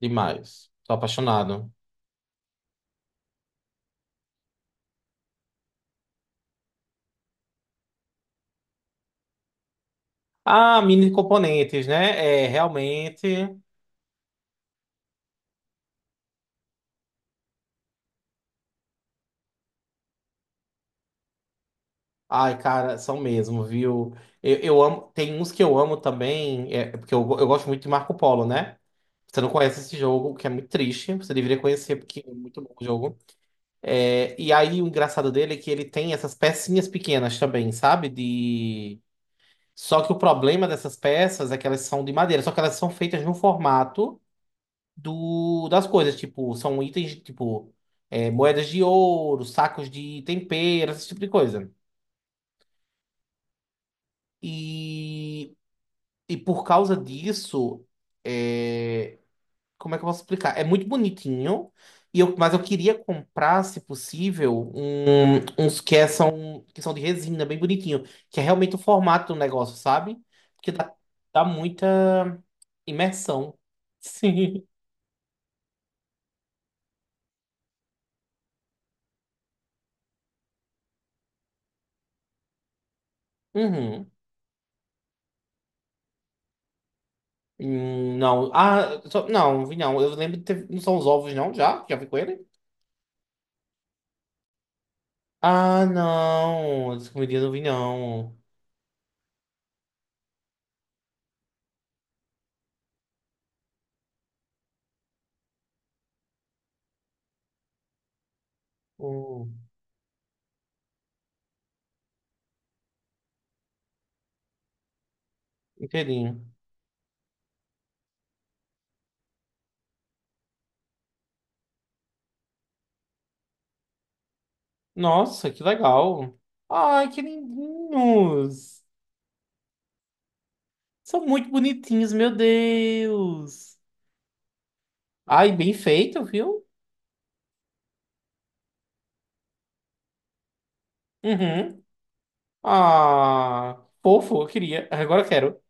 Demais. Tô apaixonado. Ah, mini componentes, né? É, realmente. Ai, cara, são mesmo, viu? Eu amo. Tem uns que eu amo também, porque eu gosto muito de Marco Polo, né? Você não conhece esse jogo, o que é muito triste. Você deveria conhecer, porque é muito bom o jogo. É, e aí, o engraçado dele é que ele tem essas pecinhas pequenas também, sabe? Só que o problema dessas peças é que elas são de madeira, só que elas são feitas num formato das coisas, tipo, são itens, tipo, moedas de ouro, sacos de tempero, esse tipo de coisa. E, e por causa disso, é, como é que eu posso explicar? É muito bonitinho, mas eu queria comprar, se possível, uns que são de resina, bem bonitinho, que é realmente o formato do negócio, sabe? Porque dá muita imersão. Sim. Uhum. Não. Não, vi não. Eu lembro de ter... Não são os ovos, não? Já? Já vi com ele? Ah, não. Essa comidinha eu não vi, não. Hum, inteirinho. Nossa, que legal. Ai, que lindinhos. São muito bonitinhos, meu Deus. Ai, bem feito, viu? Uhum. Ah, fofo, eu queria. Agora eu quero.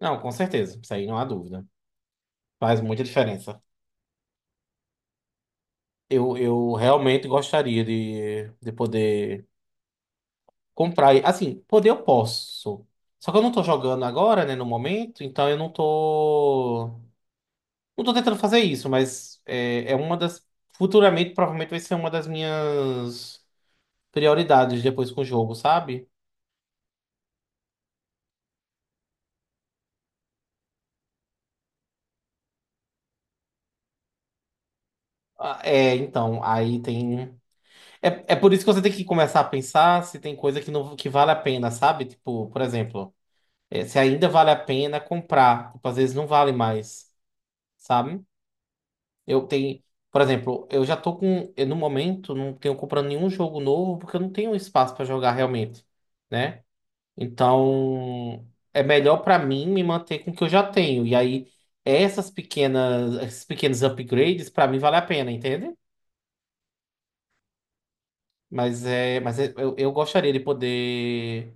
Não, com certeza. Isso aí não há dúvida. Faz muita diferença. Eu realmente gostaria de poder comprar. Assim, poder eu posso. Só que eu não tô jogando agora, né, no momento, então eu não tô. Não tô tentando fazer isso, mas é uma das. Futuramente, provavelmente vai ser uma das minhas prioridades depois com o jogo, sabe? Ah, É, então, aí tem. É, é por isso que você tem que começar a pensar se tem coisa que, não, que vale a pena, sabe? Tipo, por exemplo, se ainda vale a pena comprar. Tipo, às vezes não vale mais, sabe? Eu tenho, por exemplo, eu, no momento não tenho comprando nenhum jogo novo porque eu não tenho espaço para jogar realmente, né? Então, é melhor para mim me manter com o que eu já tenho. E aí esses pequenos upgrades para mim vale a pena, entende? Eu gostaria de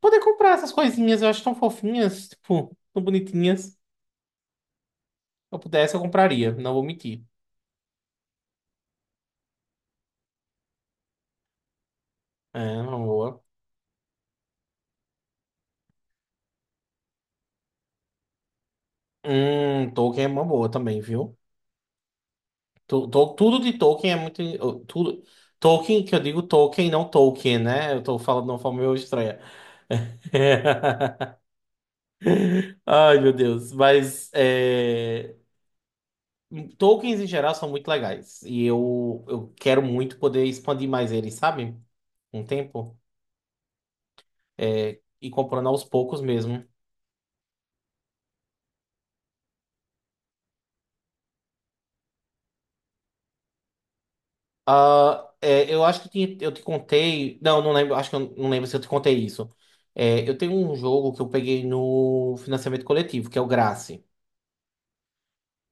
poder comprar essas coisinhas, eu acho tão fofinhas, tipo, tão bonitinhas. Se eu pudesse, eu compraria, não vou mentir. É, uma boa. Tolkien é uma boa também, viu? Tudo de Tolkien é muito. Tudo, Tolkien, que eu digo Tolkien, não Tolkien, né? Eu tô falando de uma forma meio estranha. Ai, meu Deus. Mas é, Tolkiens em geral são muito legais. E eu quero muito poder expandir mais eles, sabe? Um tempo. É, e comprando aos poucos mesmo. Ah, é, eu acho que eu te contei. Não, não lembro. Acho que eu não lembro se eu te contei isso. É, eu tenho um jogo que eu peguei no financiamento coletivo, que é o Grace.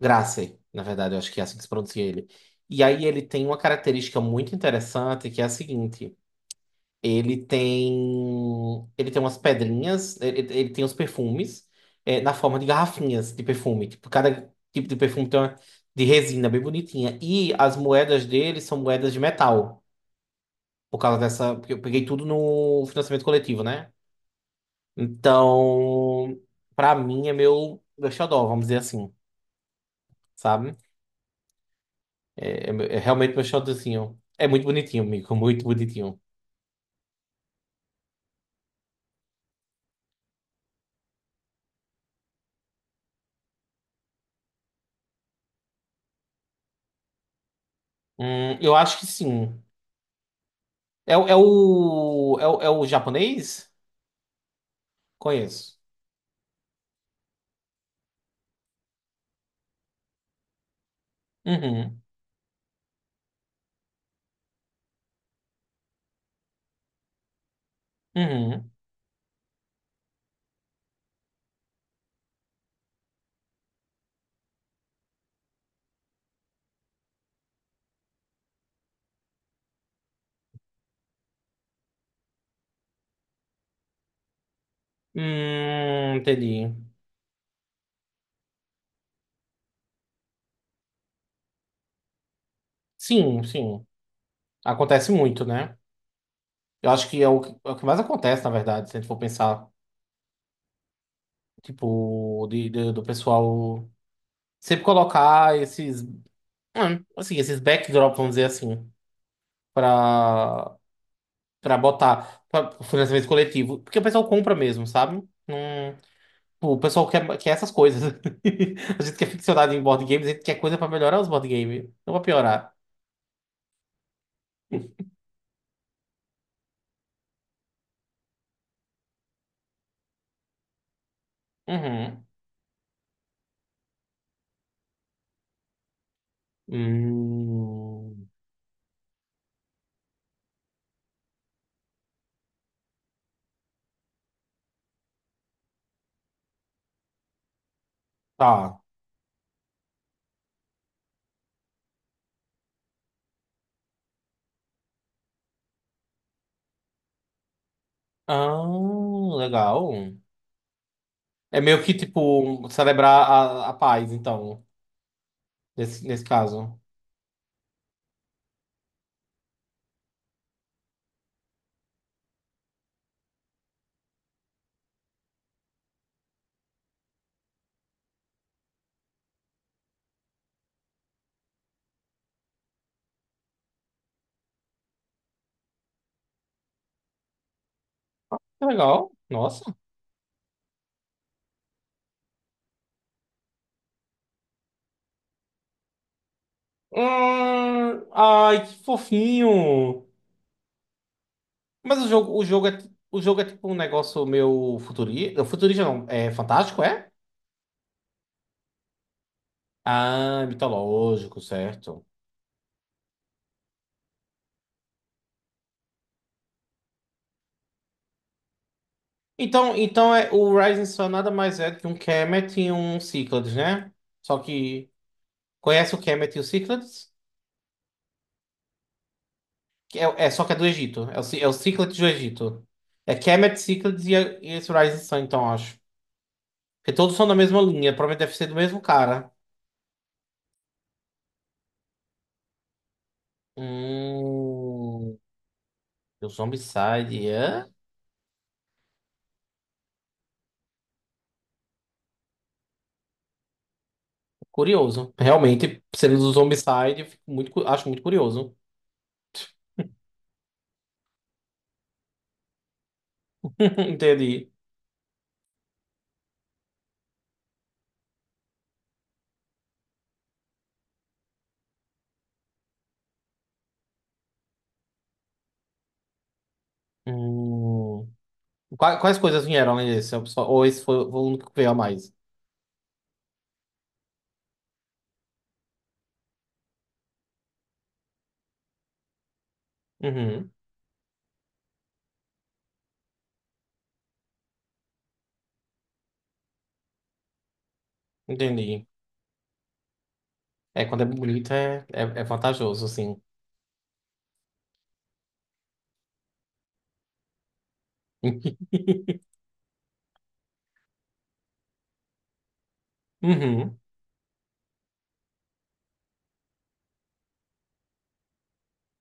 Gracie, na verdade, eu acho que é assim que se pronuncia ele. E aí ele tem uma característica muito interessante que é a seguinte: ele tem umas pedrinhas, ele tem os perfumes na forma de garrafinhas de perfume. Tipo, cada tipo de perfume tem uma de resina bem bonitinha. E as moedas dele são moedas de metal, por causa dessa. Porque eu peguei tudo no financiamento coletivo, né? Então, pra mim é meu xodó, vamos dizer assim, sabe? É realmente meu xodózinho. É muito bonitinho, amigo, muito bonitinho. Eu acho que sim. É, é o japonês? Conheço. Uhum, uhum. Entendi. Sim, sim. Acontece muito, né? Eu acho que é o que mais acontece, na verdade, se a gente for pensar, tipo, do pessoal sempre colocar esses, assim, esses backdrops, vamos dizer assim, pra. Pra botar pra financiamento coletivo. Porque o pessoal compra mesmo, sabe? Não- pô, o pessoal quer essas coisas. A gente que é ficcionado em board games, a gente quer coisa pra melhorar os board games. Não pra piorar. Uhum. Hum, tá. Ah, legal. É meio que, tipo, celebrar a paz, então, nesse caso. Que legal. Nossa. Ai, que fofinho. Mas o jogo é, o jogo é tipo um negócio meio futurista. Futurista não, é fantástico, é? Ah, mitológico, certo. Então, então é, o Rising Sun nada mais é do que um Kemet e um Cyclades, né? Só que. Conhece o Kemet e o Cyclades? Que É, é, só que é do Egito. É o, é o Cyclades do Egito. É Kemet, Cyclades e esse Rising Sun, então, acho. Porque todos são da mesma linha. Provavelmente deve ser do mesmo cara. Hum. O Zombicide. Curioso. Realmente, sendo do Zombicide, eu fico muito, acho muito curioso. Entendi. Hum. Quais coisas vieram além desse? Ou esse foi o único que veio a mais? Uhum. Entendi. É, quando é bonito é vantajoso, assim. Uhum.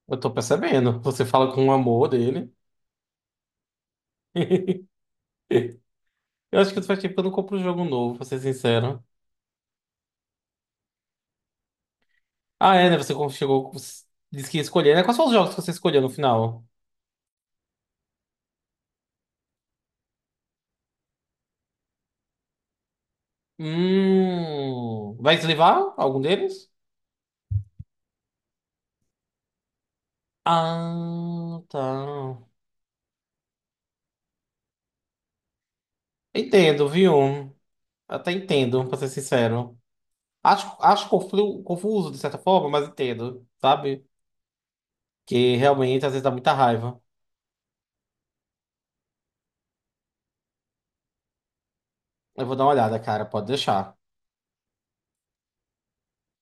Eu tô percebendo. Você fala com o amor dele. Eu acho que faz tempo que eu não compro um jogo novo, pra ser sincero. Ah, é, né? Você chegou, disse que ia escolher, né? Quais são os jogos que você escolheu no final? Vai deslivar algum deles? Ah, tá. Entendo, viu? Até entendo, pra ser sincero. Acho, confuso, de certa forma, mas entendo, sabe? Que realmente às vezes dá muita raiva. Eu vou dar uma olhada, cara, pode deixar.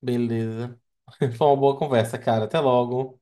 Beleza. Foi uma boa conversa, cara. Até logo.